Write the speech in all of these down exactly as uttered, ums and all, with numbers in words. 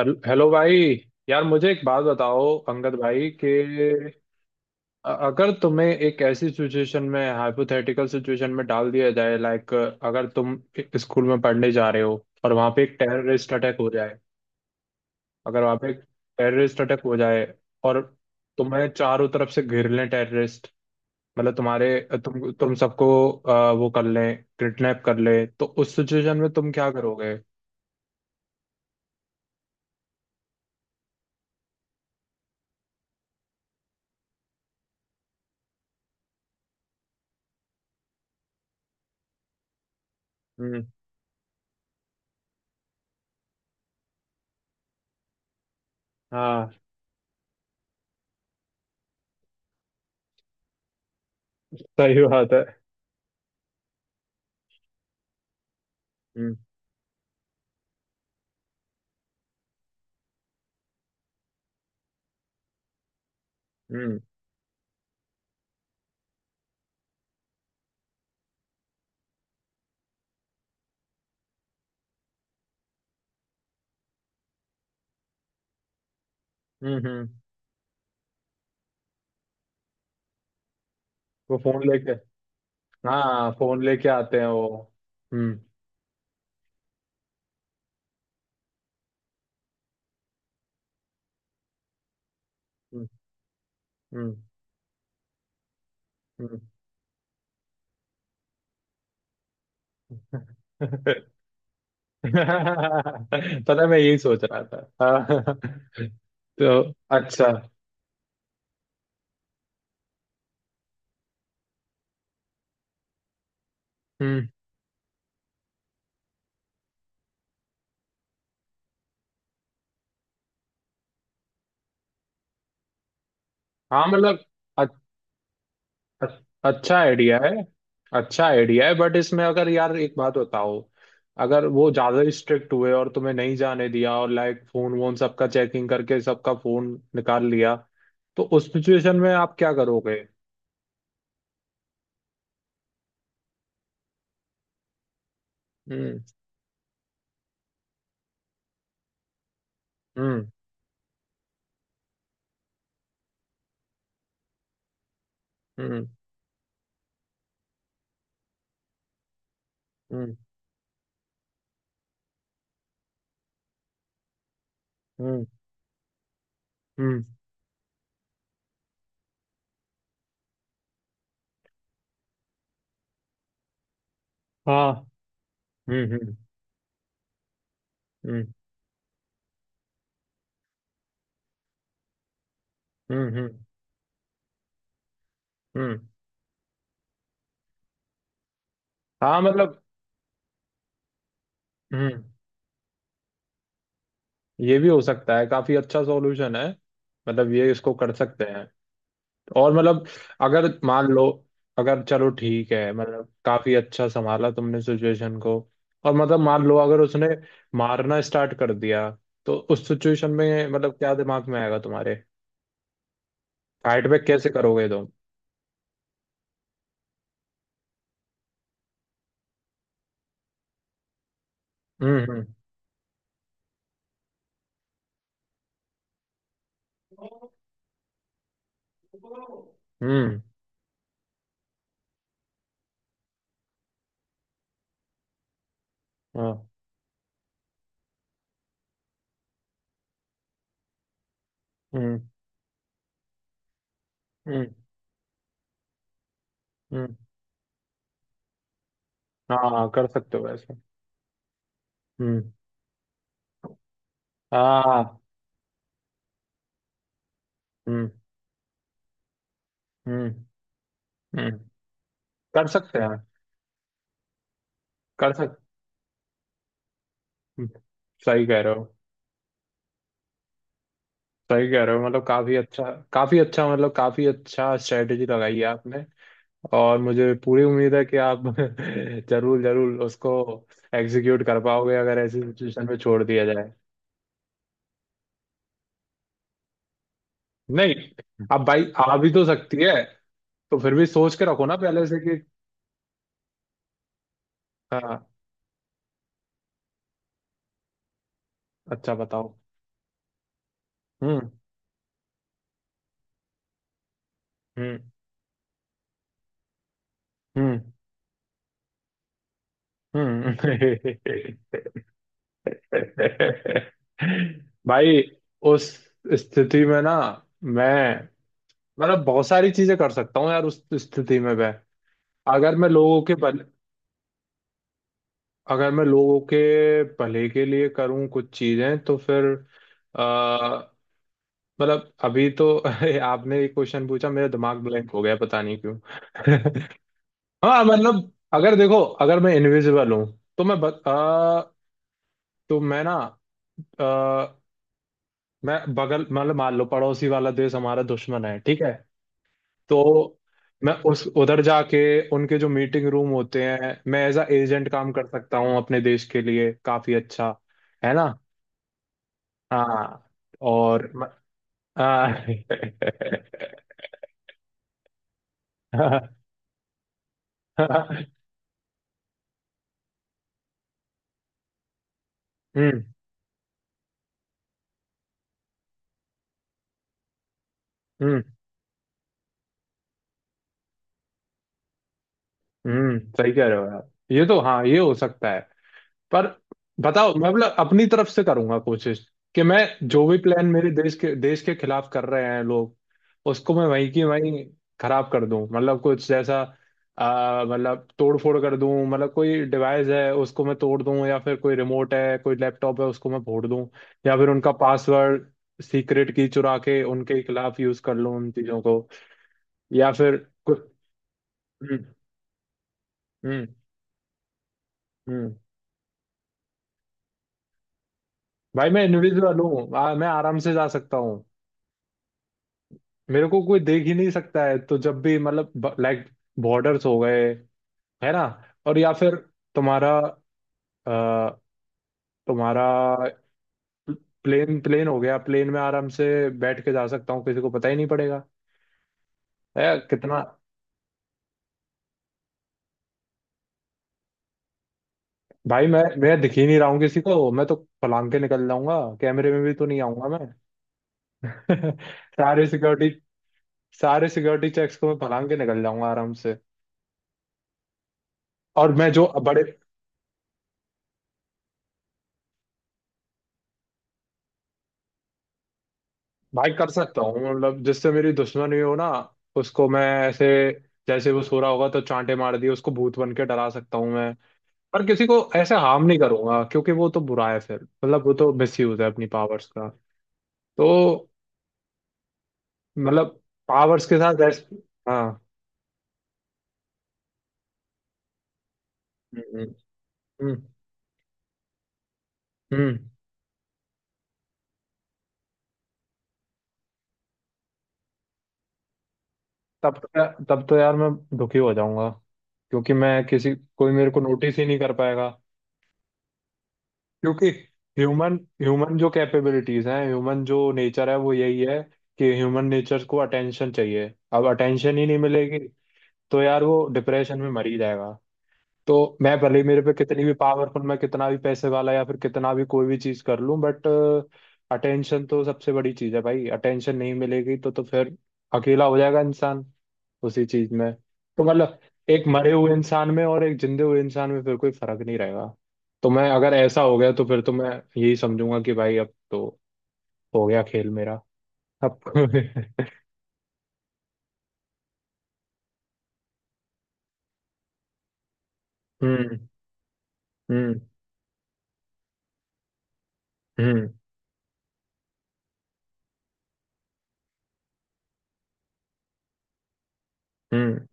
अर- hello भाई। यार मुझे एक बात बताओ अंगद भाई कि अ- अगर तुम्हें एक ऐसी सिचुएशन में हाइपोथेटिकल सिचुएशन में डाल दिया जाए, लाइक अगर तुम एक स्कूल में पढ़ने जा रहे हो और वहां पे एक टेररिस्ट अटैक हो जाए। अगर वहां पे एक टेररिस्ट अटैक हो जाए और तुम्हें चारों तरफ से घेर लें टेररिस्ट, मतलब तुम्हारे तुम तुम सबको अ, वो कर लें, किडनैप कर लें, तो उस सिचुएशन में तुम क्या करोगे? हम्म। हाँ। सही बात है। हम्म। हम्म। हम्म। हम्म। वो फोन लेके, हाँ फोन लेके आते हैं वो। हम्म। हम्म। हम्म। हम्म। पता है, मैं यही सोच रहा था। हाँ। तो अच्छा। हम्म। हाँ मतलब अ- अ- अच्छा आइडिया है। अच्छा आइडिया है, बट इसमें अगर यार एक बात बताओ, अगर वो ज्यादा स्ट्रिक्ट हुए और तुम्हें नहीं जाने दिया और लाइक फोन वोन सबका चेकिंग करके सबका फोन निकाल लिया, तो उस सिचुएशन में आप क्या करोगे? हम्म। हम्म। हम्म। हम्म। हम्म, हाँ। हम्म। हम्म। हम्म। हम्म। हम्म। हम्म। हाँ मतलब। हम्म। ये भी हो सकता है, काफी अच्छा सॉल्यूशन है। मतलब ये इसको कर सकते हैं। और मतलब अगर मान लो, अगर चलो ठीक है, मतलब काफी अच्छा संभाला तुमने सिचुएशन को। और मतलब मान लो अगर उसने मारना स्टार्ट कर दिया, तो उस सिचुएशन में मतलब क्या दिमाग में आएगा तुम्हारे? फाइट बैक कैसे करोगे तुम? हम्म। हम्म। हम्म। हाँ। हम्म। हम्म। हम्म। हाँ हाँ, कर सकते हो ऐसा। हम्म। हाँ। हम्म। हम्म। हम्म। कर सकते हैं। कर सक हम्म, सही कह रहे हो। सही कह रहे हो, मतलब काफी अच्छा, काफी अच्छा, मतलब काफी अच्छा स्ट्रेटेजी लगाई है आपने। और मुझे पूरी उम्मीद है कि आप जरूर जरूर उसको एग्जीक्यूट कर पाओगे, अगर ऐसी सिचुएशन में छोड़ दिया जाए। नहीं, अब भाई आ भी तो सकती है। तो फिर भी सोच के रखो ना पहले से कि। हाँ। अच्छा बताओ। हम्म। हम्म। हम्म। हम्म। भाई उस स्थिति में ना, मैं मतलब बहुत सारी चीजें कर सकता हूँ यार, उस स्थिति में मैं। अगर मैं लोगों के भल अगर मैं लोगों के भले के लिए करूँ कुछ चीजें, तो फिर आ, मतलब अभी तो आपने एक क्वेश्चन पूछा, मेरा दिमाग ब्लैंक हो गया, पता नहीं क्यों। हाँ मतलब अगर देखो, अगर मैं इनविजिबल हूँ, तो मैं बत, आ, तो मैं ना, मैं बगल मतलब मान लो पड़ोसी वाला देश हमारा दुश्मन है, ठीक है, तो मैं उस उधर जाके उनके जो मीटिंग रूम होते हैं, मैं एज अ एजेंट काम कर सकता हूँ अपने देश के लिए, काफी अच्छा। है ना। हाँ। और म- हाँ। हम्म। हम्म। हम्म, सही कह रहे हो यार, ये तो हाँ ये हो सकता है। पर बताओ, मैं मतलब अपनी तरफ से करूंगा कोशिश, कि मैं जो भी प्लान मेरे देश के देश के खिलाफ कर रहे हैं लोग, उसको मैं वहीं की वहीं खराब कर दूं, मतलब कुछ जैसा आ, मतलब तोड़ फोड़ कर दूं, मतलब कोई डिवाइस है उसको मैं तोड़ दूं, या फिर कोई रिमोट है, कोई लैपटॉप है उसको मैं फोड़ दूं, या फिर उनका पासवर्ड, सीक्रेट की चुरा के उनके खिलाफ यूज कर लूं उन चीजों को, या फिर कुछ। हम्म। हम्म। हम्म। भाई मैं इंडिविजुअल हूँ, आ- मैं आराम से जा सकता हूँ। मेरे को कोई देख ही नहीं सकता है, तो जब भी मतलब लाइक बॉर्डर्स हो गए, है ना, और या फिर तुम्हारा अ, तुम्हारा प्लेन प्लेन हो गया, प्लेन में आराम से बैठ के जा सकता हूँ, किसी को पता ही नहीं पड़ेगा। है कितना। भाई मैं मैं दिख ही नहीं रहा हूँ किसी को, मैं तो पलांग के निकल जाऊंगा, कैमरे में भी तो नहीं आऊंगा मैं। सारे सिक्योरिटी सारे सिक्योरिटी चेक्स को मैं पलांग के निकल जाऊंगा आराम से। और मैं जो बड़े भाई कर सकता हूँ मतलब, जिससे मेरी दुश्मनी हो ना, उसको मैं ऐसे, जैसे वो सो रहा होगा तो चांटे मार दिए उसको, भूत बन के डरा सकता हूँ मैं। पर किसी को ऐसे हार्म नहीं करूंगा, क्योंकि वो तो बुरा है, फिर मतलब वो तो मिसयूज है अपनी पावर्स का। तो मतलब पावर्स के साथ ऐसे। हाँ। हम्म। हम्म। हम्म। तब तो, तब तो यार मैं दुखी हो जाऊंगा, क्योंकि मैं किसी कोई मेरे को नोटिस ही नहीं कर पाएगा। क्योंकि ह्यूमन ह्यूमन जो कैपेबिलिटीज हैं, ह्यूमन जो नेचर है वो यही है, कि ह्यूमन नेचर को अटेंशन चाहिए। अब अटेंशन ही नहीं मिलेगी, तो यार वो डिप्रेशन में मर ही जाएगा। तो मैं भले ही मेरे पे कितनी भी पावरफुल, मैं कितना भी पैसे वाला या फिर कितना भी कोई भी चीज कर लूं, बट अटेंशन तो सबसे बड़ी चीज है भाई। अटेंशन नहीं मिलेगी तो तो फिर अकेला हो जाएगा इंसान, उसी चीज में तो मतलब एक मरे हुए इंसान में और एक जिंदे हुए इंसान में फिर कोई फर्क नहीं रहेगा। तो मैं अगर ऐसा हो गया, तो फिर तो मैं यही समझूंगा कि भाई अब तो हो गया खेल मेरा, अब। हम्म। हम्म। हम्म। हम्म।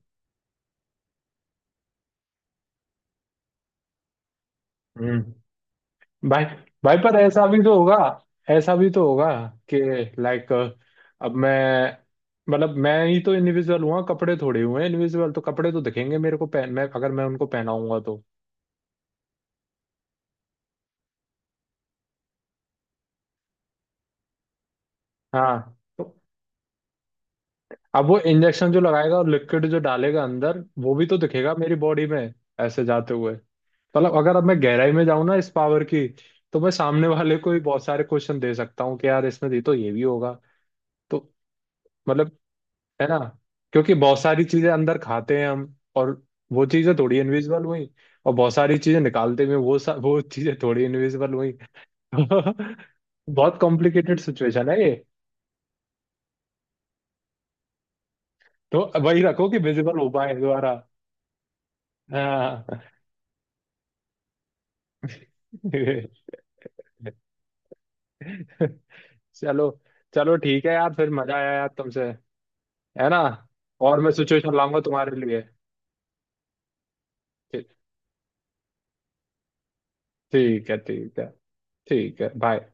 हम्म। भाई, भाई पर ऐसा भी तो होगा, ऐसा भी तो होगा कि लाइक, अब मैं मतलब मैं ही तो इनविजिबल हुआ, कपड़े थोड़े हुए हैं इनविजिबल, तो कपड़े तो दिखेंगे मेरे को पहन, मैं अगर मैं उनको पहनाऊंगा तो। हाँ तो अब वो इंजेक्शन जो लगाएगा और लिक्विड जो डालेगा अंदर, वो भी तो दिखेगा मेरी बॉडी में ऐसे जाते हुए। मतलब अगर अब मैं गहराई में जाऊं ना इस पावर की, तो मैं सामने वाले को ही बहुत सारे क्वेश्चन दे सकता हूँ, कि यार इसमें दी तो ये भी होगा तो मतलब, है ना, क्योंकि बहुत सारी चीजें अंदर खाते हैं हम, और वो चीजें थोड़ी इनविजिबल हुई, और बहुत सारी चीजें निकालते हुए वो सा, वो चीजें थोड़ी इनविजिबल हुई। बहुत कॉम्प्लिकेटेड सिचुएशन है ये, तो वही रखो कि विजिबल हो पाए दोबारा। हाँ। चलो, चलो ठीक है यार, फिर मजा आया यार तुमसे। है ना। और मैं सिचुएशन लाऊंगा तुम्हारे लिए। ठीक। ठीक है, ठीक है। ठीक है, बाय।